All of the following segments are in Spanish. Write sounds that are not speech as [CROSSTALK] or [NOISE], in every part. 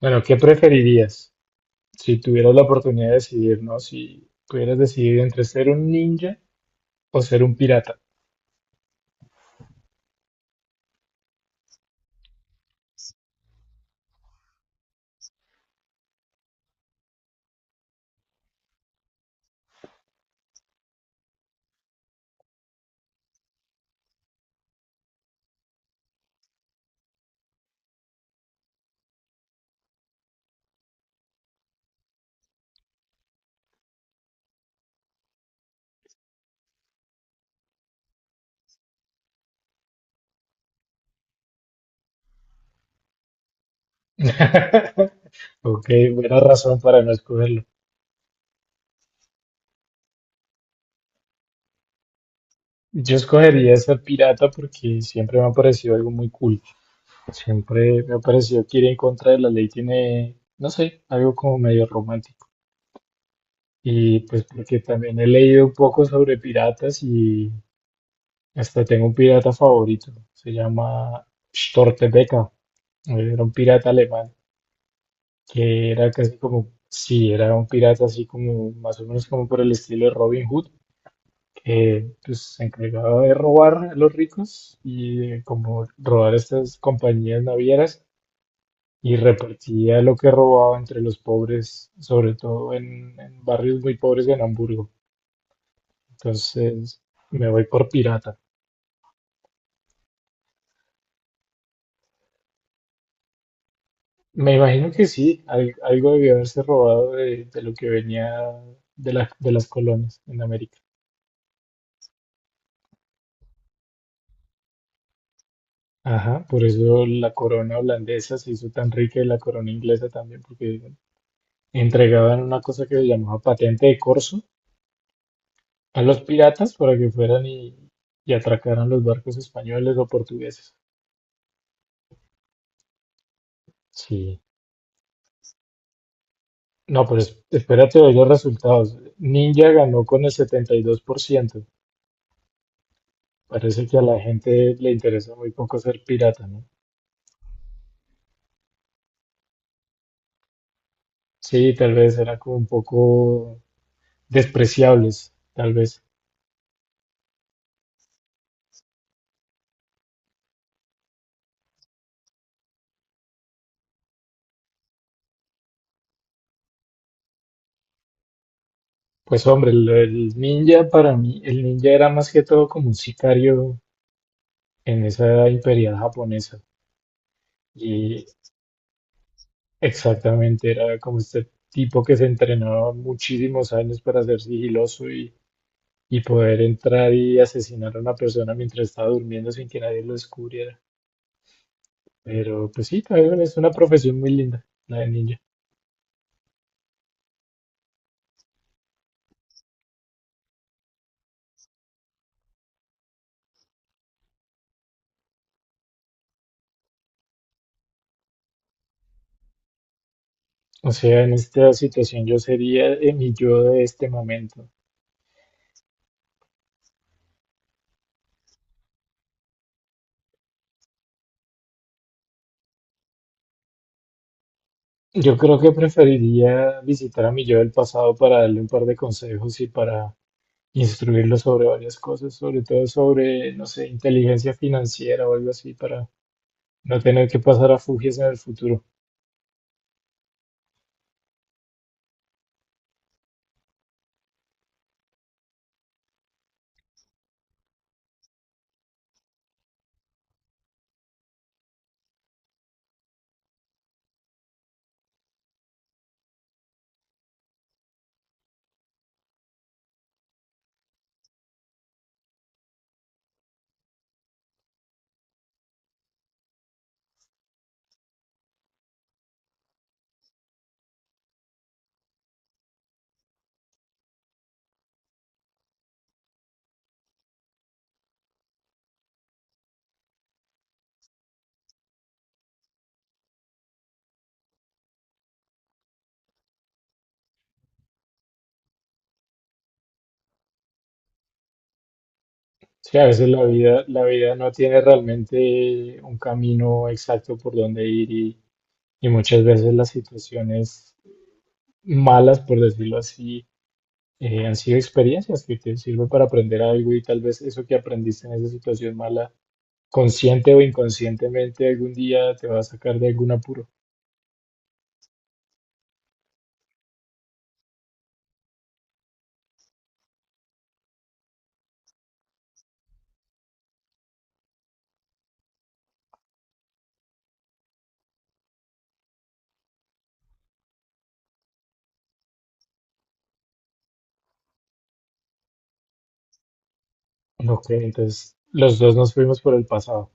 Bueno, ¿qué preferirías si tuvieras la oportunidad de decidir, ¿no? Si pudieras decidir entre ser un ninja o ser un pirata. [LAUGHS] Ok, buena razón para no escogerlo. Yo escogería ser pirata porque siempre me ha parecido algo muy cool. Siempre me ha parecido que ir en contra de la ley tiene, no sé, algo como medio romántico. Y pues porque también he leído un poco sobre piratas y hasta tengo un pirata favorito, se llama Stortebeca, era un pirata alemán, que era casi como, sí, era un pirata así como, más o menos como por el estilo de Robin Hood, que pues, se encargaba de robar a los ricos y de como robar estas compañías navieras y repartía lo que robaba entre los pobres, sobre todo en barrios muy pobres de Hamburgo. Entonces, me voy por pirata. Me imagino que sí, algo debió haberse robado de lo que venía de, de las colonias en América. Ajá, por eso la corona holandesa se hizo tan rica y la corona inglesa también, porque entregaban una cosa que se llamaba patente de corso a los piratas para que fueran y atracaran los barcos españoles o portugueses. Sí. No, pero espérate de los resultados. Ninja ganó con el 72%. Parece que a la gente le interesa muy poco ser pirata, ¿no? Sí, tal vez era como un poco despreciables, tal vez. Pues hombre, el ninja para mí, el ninja era más que todo como un sicario en esa imperial japonesa. Y exactamente era como este tipo que se entrenaba muchísimos años para ser sigiloso y poder entrar y asesinar a una persona mientras estaba durmiendo sin que nadie lo descubriera. Pero pues sí, tal vez es una profesión muy linda, la de ninja. O sea, en esta situación yo sería mi yo de este momento. Yo creo que preferiría visitar a mi yo del pasado para darle un par de consejos y para instruirlo sobre varias cosas, sobre todo sobre, no sé, inteligencia financiera o algo así, para no tener que pasar a fugias en el futuro. Sí, a veces la vida no tiene realmente un camino exacto por donde ir y muchas veces las situaciones malas, por decirlo así, han sido experiencias que te sirven para aprender algo y tal vez eso que aprendiste en esa situación mala, consciente o inconscientemente, algún día te va a sacar de algún apuro. Ok, entonces los dos nos fuimos por el pasado.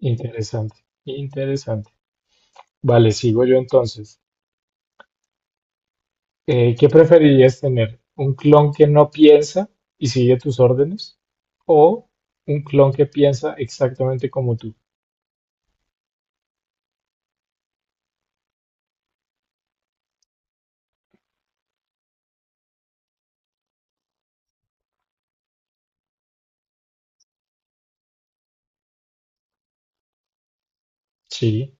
Interesante, interesante. Vale, sigo yo entonces. ¿Qué preferirías tener? ¿Un clon que no piensa y sigue tus órdenes? ¿O un clon que piensa exactamente como tú? Sí,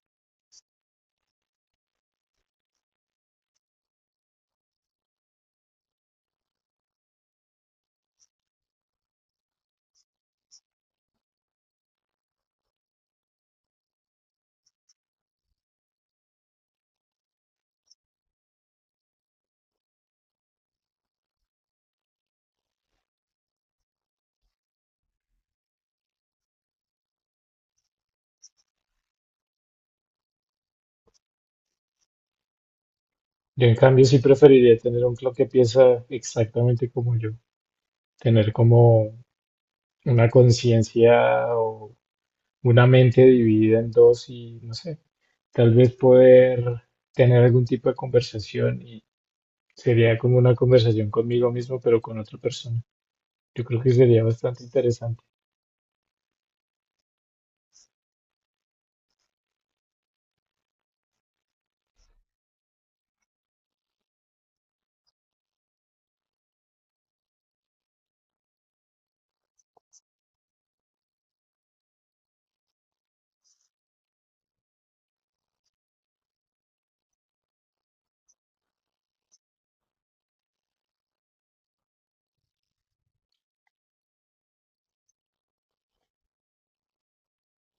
yo en cambio sí preferiría tener un clon que piensa exactamente como yo. Tener como una conciencia o una mente dividida en dos y no sé, tal vez poder tener algún tipo de conversación y sería como una conversación conmigo mismo, pero con otra persona. Yo creo que sería bastante interesante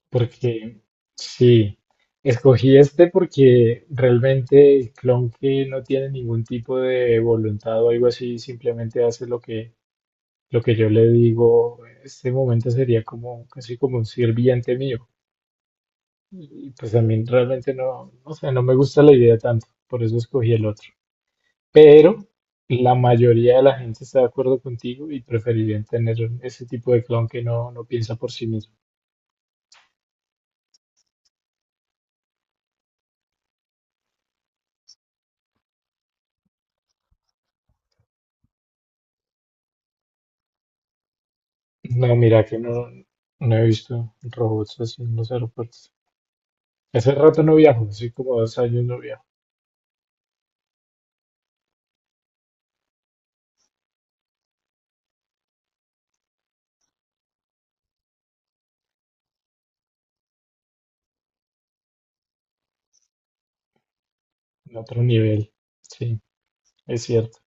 porque sí, escogí este porque realmente el clon que no tiene ningún tipo de voluntad o algo así, simplemente hace lo que yo le digo, en este momento sería como casi como un sirviente mío. Y pues a mí realmente no, no sé, no me gusta la idea tanto, por eso escogí el otro. Pero la mayoría de la gente está de acuerdo contigo y preferirían tener ese tipo de clon que no, no piensa por sí mismo. No, mira que no, no he visto robots así en los aeropuertos. Hace rato no viajo, así como 2 años no viajo, en otro nivel. Sí, es cierto.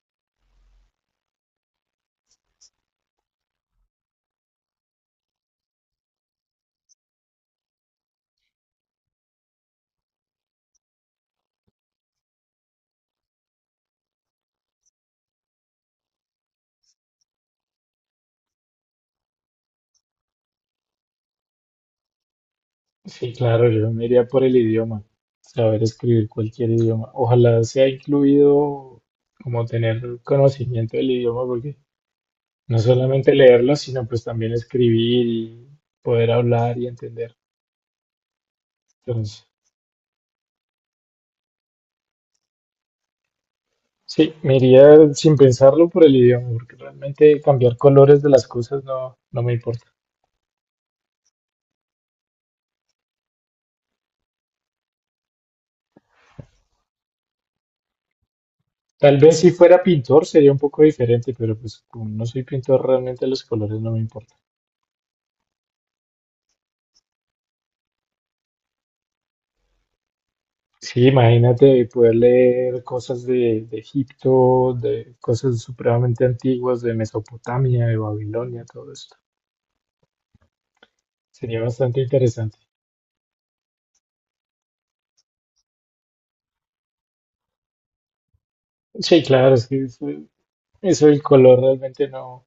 Sí, claro, yo me iría por el idioma, saber escribir cualquier idioma. Ojalá sea incluido como tener conocimiento del idioma, porque no solamente leerlo, sino pues también escribir y poder hablar y entender. Entonces, sí, me iría sin pensarlo por el idioma, porque realmente cambiar colores de las cosas no, no me importa. Tal vez si fuera pintor sería un poco diferente, pero pues como no soy pintor, realmente los colores no me importan. Sí, imagínate poder leer cosas de Egipto, de cosas supremamente antiguas, de Mesopotamia, de Babilonia, todo esto. Sería bastante interesante. Sí, claro, es que eso, el color realmente no.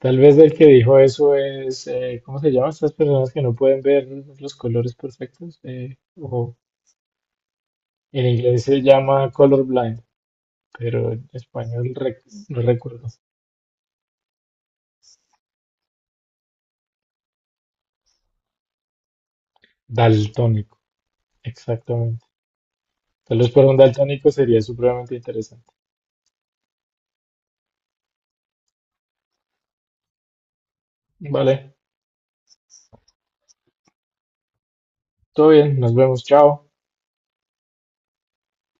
Tal vez el que dijo eso es, ¿cómo se llama? Estas personas que no pueden ver los colores perfectos. O en inglés se llama colorblind, pero en español no recuerdo. Daltónico, exactamente. Tal vez para un daltónico sería supremamente interesante. Vale, todo bien, nos vemos, chao.